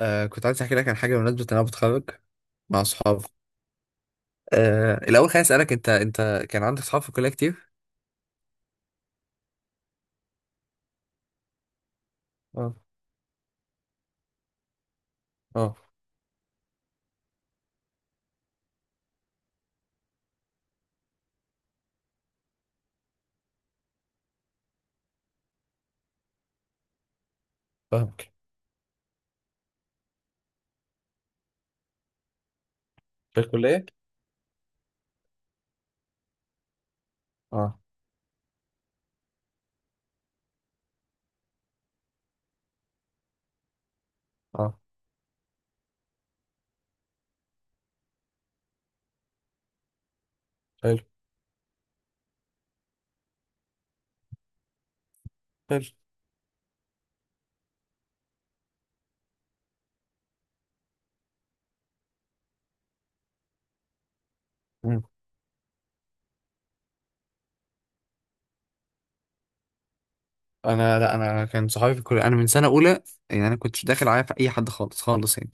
كنت عايز احكي لك عن حاجه بمناسبه ان انا بتخرج مع اصحابي. الاول خليني اسالك، انت كان عندك اصحاب في الكليه كتير؟ اه. اه. فاهمك. في الكلية؟ اه. اه. حلو. حلو. مم. انا، لا انا كان صحابي في الكليه انا من سنه اولى، يعني انا كنتش داخل عارف اي حد خالص خالص يعني.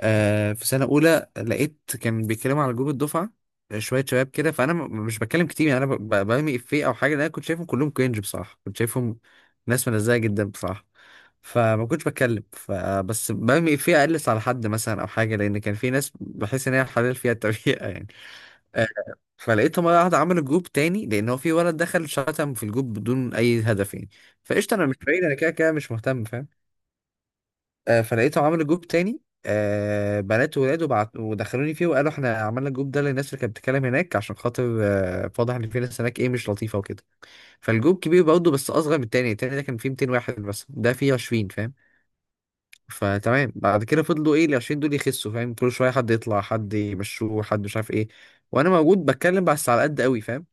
آه، في سنة أولى لقيت كان بيتكلموا على جروب الدفعة، شوية شباب كده، فأنا مش بتكلم كتير يعني، أنا برمي إفيه أو حاجة، لأن أنا كنت شايفهم كلهم كرنج بصراحة، كنت شايفهم ناس منزهة جدا بصراحة. فما كنتش بتكلم، فبس برمي إفيه أقلص على حد مثلا أو حاجة، لأن كان في ناس بحس إن هي حلال فيها التريقة يعني. آه، فلقيتهم مرة واحدة عملوا جروب تاني، لأن هو في ولد دخل شتم في الجروب بدون أي هدف يعني. فقشطة، أنا مش بعيد، أنا كده كده مش مهتم فاهم. فلقيته عامل جروب تاني، بنات وولاد، وبعت ودخلوني فيه، وقالوا احنا عملنا الجروب ده للناس اللي كانت بتتكلم هناك، عشان خاطر واضح ان في ناس هناك ايه مش لطيفه وكده. فالجروب كبير برضه بس اصغر من التاني. التاني ده كان فيه 200 واحد، بس ده فيه 20 فاهم. فتمام، بعد كده فضلوا ايه ال 20 دول يخسوا فاهم، كل شويه حد يطلع، حد يمشوه، حد مش عارف ايه. وانا موجود بتكلم بس على قد قوي فاهم.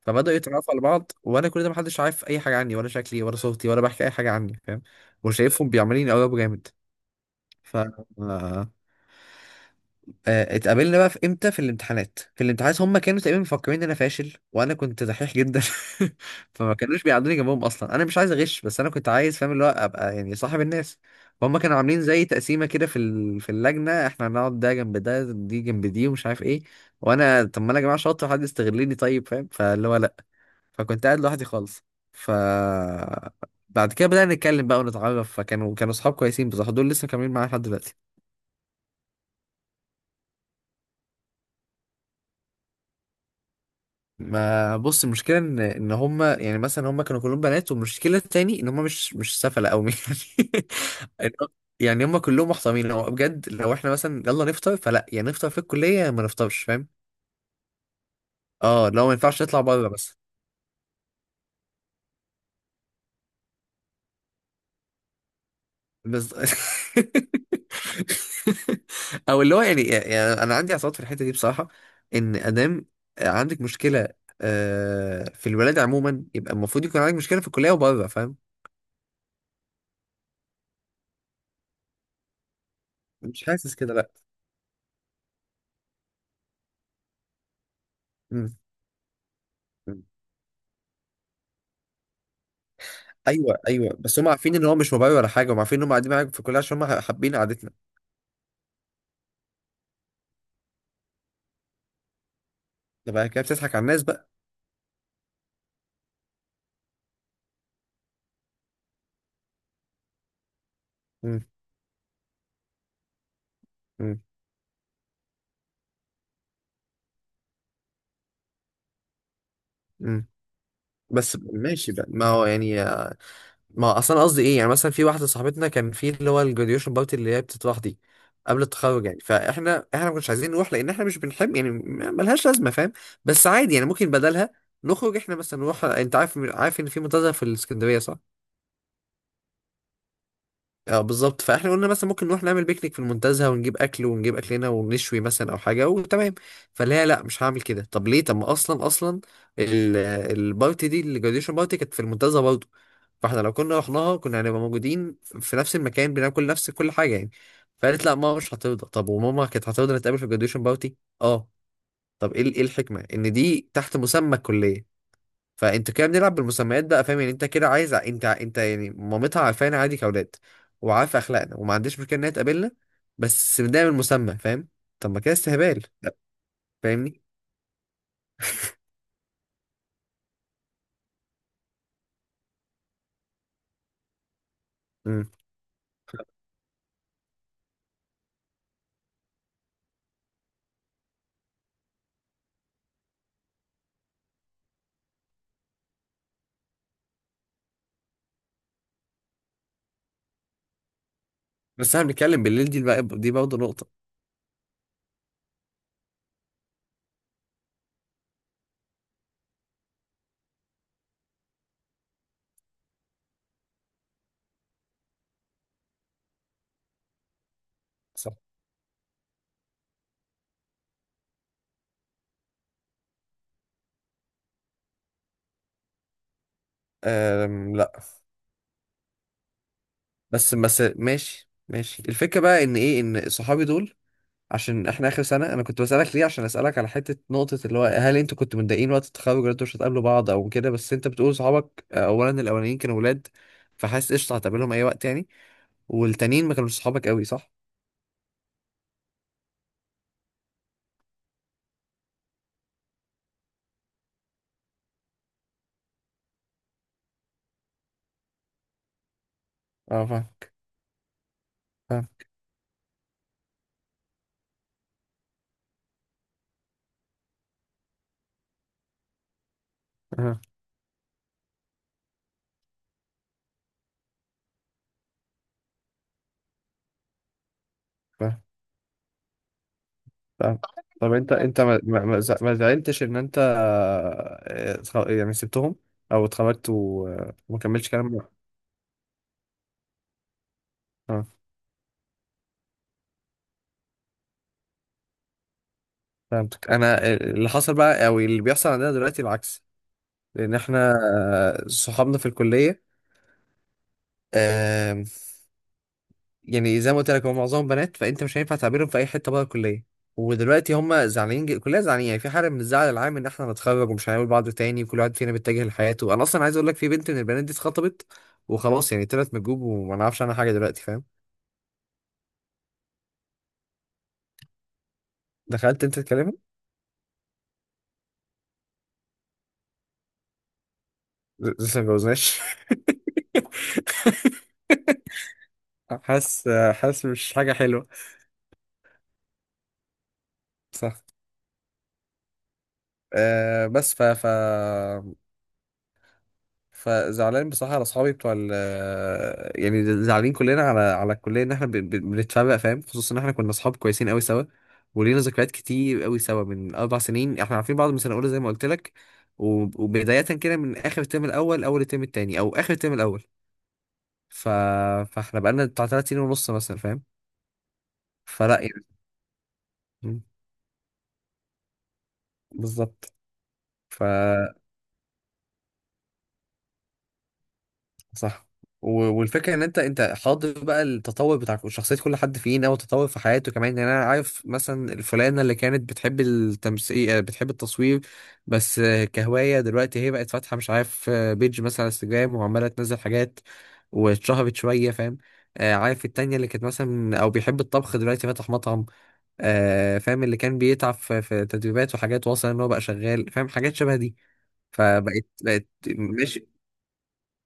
فبدأوا يتعرفوا على بعض، وانا كل ده محدش عارف اي حاجه عني، ولا شكلي ولا صوتي ولا بحكي اي حاجه عني فاهم. وشايفهم بيعملين قلب جامد. ف آه، اتقابلنا بقى في امتى، في الامتحانات. في الامتحانات هم كانوا تقريبا مفكرين ان انا فاشل، وانا كنت دحيح جدا فما كانوش بيقعدوني جنبهم، اصلا انا مش عايز اغش، بس انا كنت عايز فاهم اللي هو ابقى يعني صاحب الناس. فهم كانوا عاملين زي تقسيمه كده في في اللجنه، احنا هنقعد ده جنب ده، دي جنب دي، ومش عارف ايه. وانا طب ما انا يا جماعه شاطر، حد يستغلني طيب فاهم، فاللي هو لا. فكنت قاعد لوحدي خالص. ف بعد كده بدأنا نتكلم بقى ونتعرف، فكانوا اصحاب كويسين بصراحه، دول لسه كاملين معايا لحد دلوقتي. ما بص، المشكله ان هم يعني مثلا هم كانوا كلهم بنات، والمشكله التاني ان هم مش سفله قوي يعني. يعني هم كلهم محترمين هو بجد. لو احنا مثلا يلا نفطر، فلا يعني نفطر في الكليه، يا ما نفطرش فاهم. اه، لو ما ينفعش نطلع بره بس. بس او اللي هو يعني، انا عندي اعتراض في الحته دي بصراحه. ان ادام عندك مشكله في الولاده عموما، يبقى المفروض يكون عندك مشكله في الكليه وبره فاهم. مش حاسس كده لا. مم. ايوه ايوه، بس هم عارفين ان هو مش موبايل ولا حاجه، هم عارفين ان هم قاعدين معاك في الكليه عشان هم حابين قعدتنا. ده بقى كده بتضحك على الناس بقى. مم. مم. مم. بس ماشي بقى، ما هو يعني، ما هو اصلا، قصدي ايه، يعني مثلا في واحده صاحبتنا كان في اللي هو الجراديويشن بارتي اللي هي بتتراح دي قبل التخرج يعني، فاحنا احنا ما كناش عايزين نروح، لان احنا مش بنحب يعني، ملهاش لازمه فاهم. بس عادي يعني ممكن بدلها نخرج احنا مثلا نروح. انت عارف ان في منتزه في الاسكندريه صح؟ اه بالظبط. فاحنا قلنا مثلا ممكن نروح نعمل بيكنيك في المنتزه ونجيب اكل، ونجيب اكلنا ونشوي مثلا او حاجه، وتمام. فلا لا مش هعمل كده، طب ليه؟ طب ما اصلا اصلا ال- البارتي دي الجراديشن بارتي كانت في المنتزه برضه، فاحنا لو كنا رحناها كنا هنبقى موجودين في نفس المكان، بناكل نفس كل حاجه يعني. فقالت لا ماما مش هترضى. طب وماما كانت هترضى نتقابل في الجراديشن بارتي؟ اه. طب ايه ايه الحكمه ان دي تحت مسمى الكليه؟ فانت كده بنلعب بالمسميات بقى فاهم، يعني انت كده عايز انت انت يعني، مامتها عارفانا عادي كاولاد، وعارفه اخلاقنا وما عندهاش مشكله ان هي تقابلنا، بس بنعمل مسمى فاهم. طب ما كده استهبال. فاهمني. امم. بس احنا بنتكلم بالليل، دي بقى دي برضه نقطه. صح. أم لا. بس بس ماشي ماشي، الفكره بقى ان ايه، ان صحابي دول عشان احنا اخر سنه، انا كنت بسالك ليه، عشان اسالك على حته نقطه اللي هو هل انتوا كنتوا متضايقين وقت التخرج ولا انتوا مش هتقابلوا بعض او كده؟ بس انت بتقول صحابك اولا الاولانيين كانوا ولاد، فحاسس قشطه هتقابلهم اي وقت يعني. والتانيين ما كانوش صحابك قوي صح؟ اه فاهم. فاهم. آه، فاهم. فاهم. طب انت انت ما زعلتش ان انت يعني سبتهم او اتخرجت و- وما كملتش كلام؟ اه فهمتك. انا اللي حصل بقى او اللي بيحصل عندنا دلوقتي العكس، لان احنا صحابنا في الكليه، آم، يعني زي ما قلت لك هم معظمهم بنات، فانت مش هينفع تعبيرهم في اي حته بره الكليه، ودلوقتي هم زعلانين كلنا زعلانين يعني، في حاله من الزعل العام ان احنا هنتخرج ومش هنقابل بعض تاني، وكل واحد فينا بيتجه لحياته. انا اصلا عايز اقول لك في بنت من البنات دي اتخطبت وخلاص، يعني طلعت من الجروب وما نعرفش عنها حاجه دلوقتي فاهم. دخلت انت تكلمها؟ لسه ما اتجوزناش؟ حاسس. حاسس مش حاجه حلوه. صح. أه بس ف ف فزعلان بصراحة على أصحابي بتوع ال، يعني زعلانين كلنا على على الكلية إن إحنا بنتفرق فاهم. خصوصا إن إحنا كنا أصحاب كويسين أوي سوا، ولينا ذكريات كتير أوي سوا من 4 سنين، إحنا عارفين بعض من سنة أولى زي ما قلت لك وبداية كده من آخر الترم الأول، أول الترم التاني أو آخر الترم الأول. ف... فإحنا بقالنا بتاع 3 سنين ونص مثلا فاهم. فلا يعني. م، بالظبط. ف صح. والفكره ان انت انت حاضر بقى التطور بتاع شخصيه كل حد فينا، والتطور في حياته كمان يعني. انا عارف مثلا الفلانه اللي كانت بتحب التمثيل بتحب التصوير بس كهوايه، دلوقتي هي بقت فاتحه مش عارف بيج مثلا على انستجرام وعماله تنزل حاجات واتشهرت شويه فاهم. عارف التانية اللي كانت مثلا او بيحب الطبخ دلوقتي فاتح مطعم. فاهم اللي كان بيتعب في تدريبات وحاجات، واصل ان هو بقى شغال فاهم، حاجات شبه دي. فبقت بقت ماشي.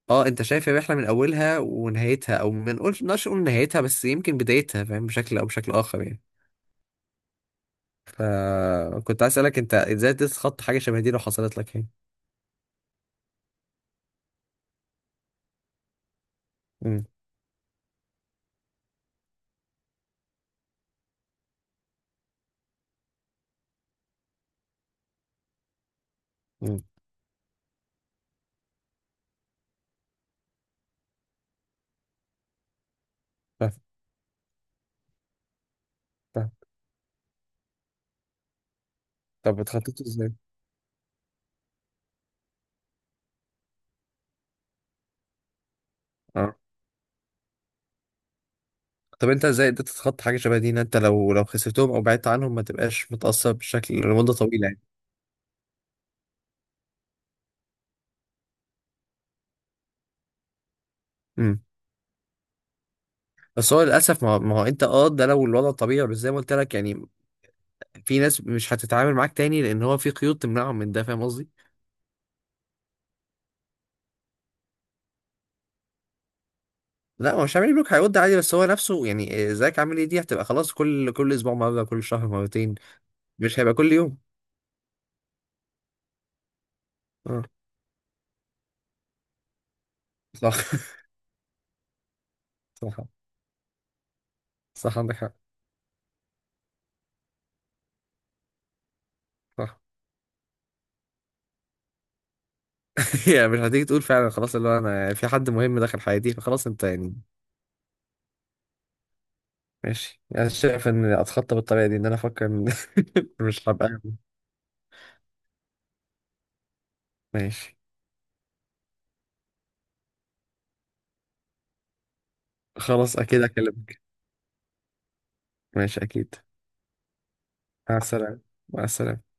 اه انت شايف الرحله من اولها ونهايتها، او ما نقولش نقدرش نقول نهايتها، بس يمكن بدايتها فاهم، بشكل او بشكل اخر يعني. فكنت عايز اسالك انت ازاي تتخطى حاجه شبه دي لو حصلت لك يعني. امم. امم. فاهم. فاهم. طب اتخطيت ازاي؟ اه. طب انت ازاي قدرت تتخطى حاجه شبه دي، ان انت لو خسرتهم او بعدت عنهم ما تبقاش متاثر بالشكل لمده طويله يعني. امم. بس هو للاسف، ما هو انت اه ده لو الوضع طبيعي، بس زي ما قلت لك يعني في ناس مش هتتعامل معاك تاني لان هو في قيود تمنعهم من ده فاهم قصدي. لا هو مش عامل بلوك، هيود عادي، بس هو نفسه يعني ازيك عامل ايه دي هتبقى خلاص، كل اسبوع مره، كل شهر مرتين، مش هيبقى كل يوم. اه. صح صح. صح عندك حق. صح يعني مش هتيجي تقول فعلا خلاص اللي هو انا في حد مهم دخل حياتي فخلاص انت يعني. ماشي، انا شايف ان اتخطى بالطريقه دي ان انا افكر إن مش هبقى. ماشي. خلاص اكيد اكلمك. ماشي اكيد. مع السلامه. مع السلامه.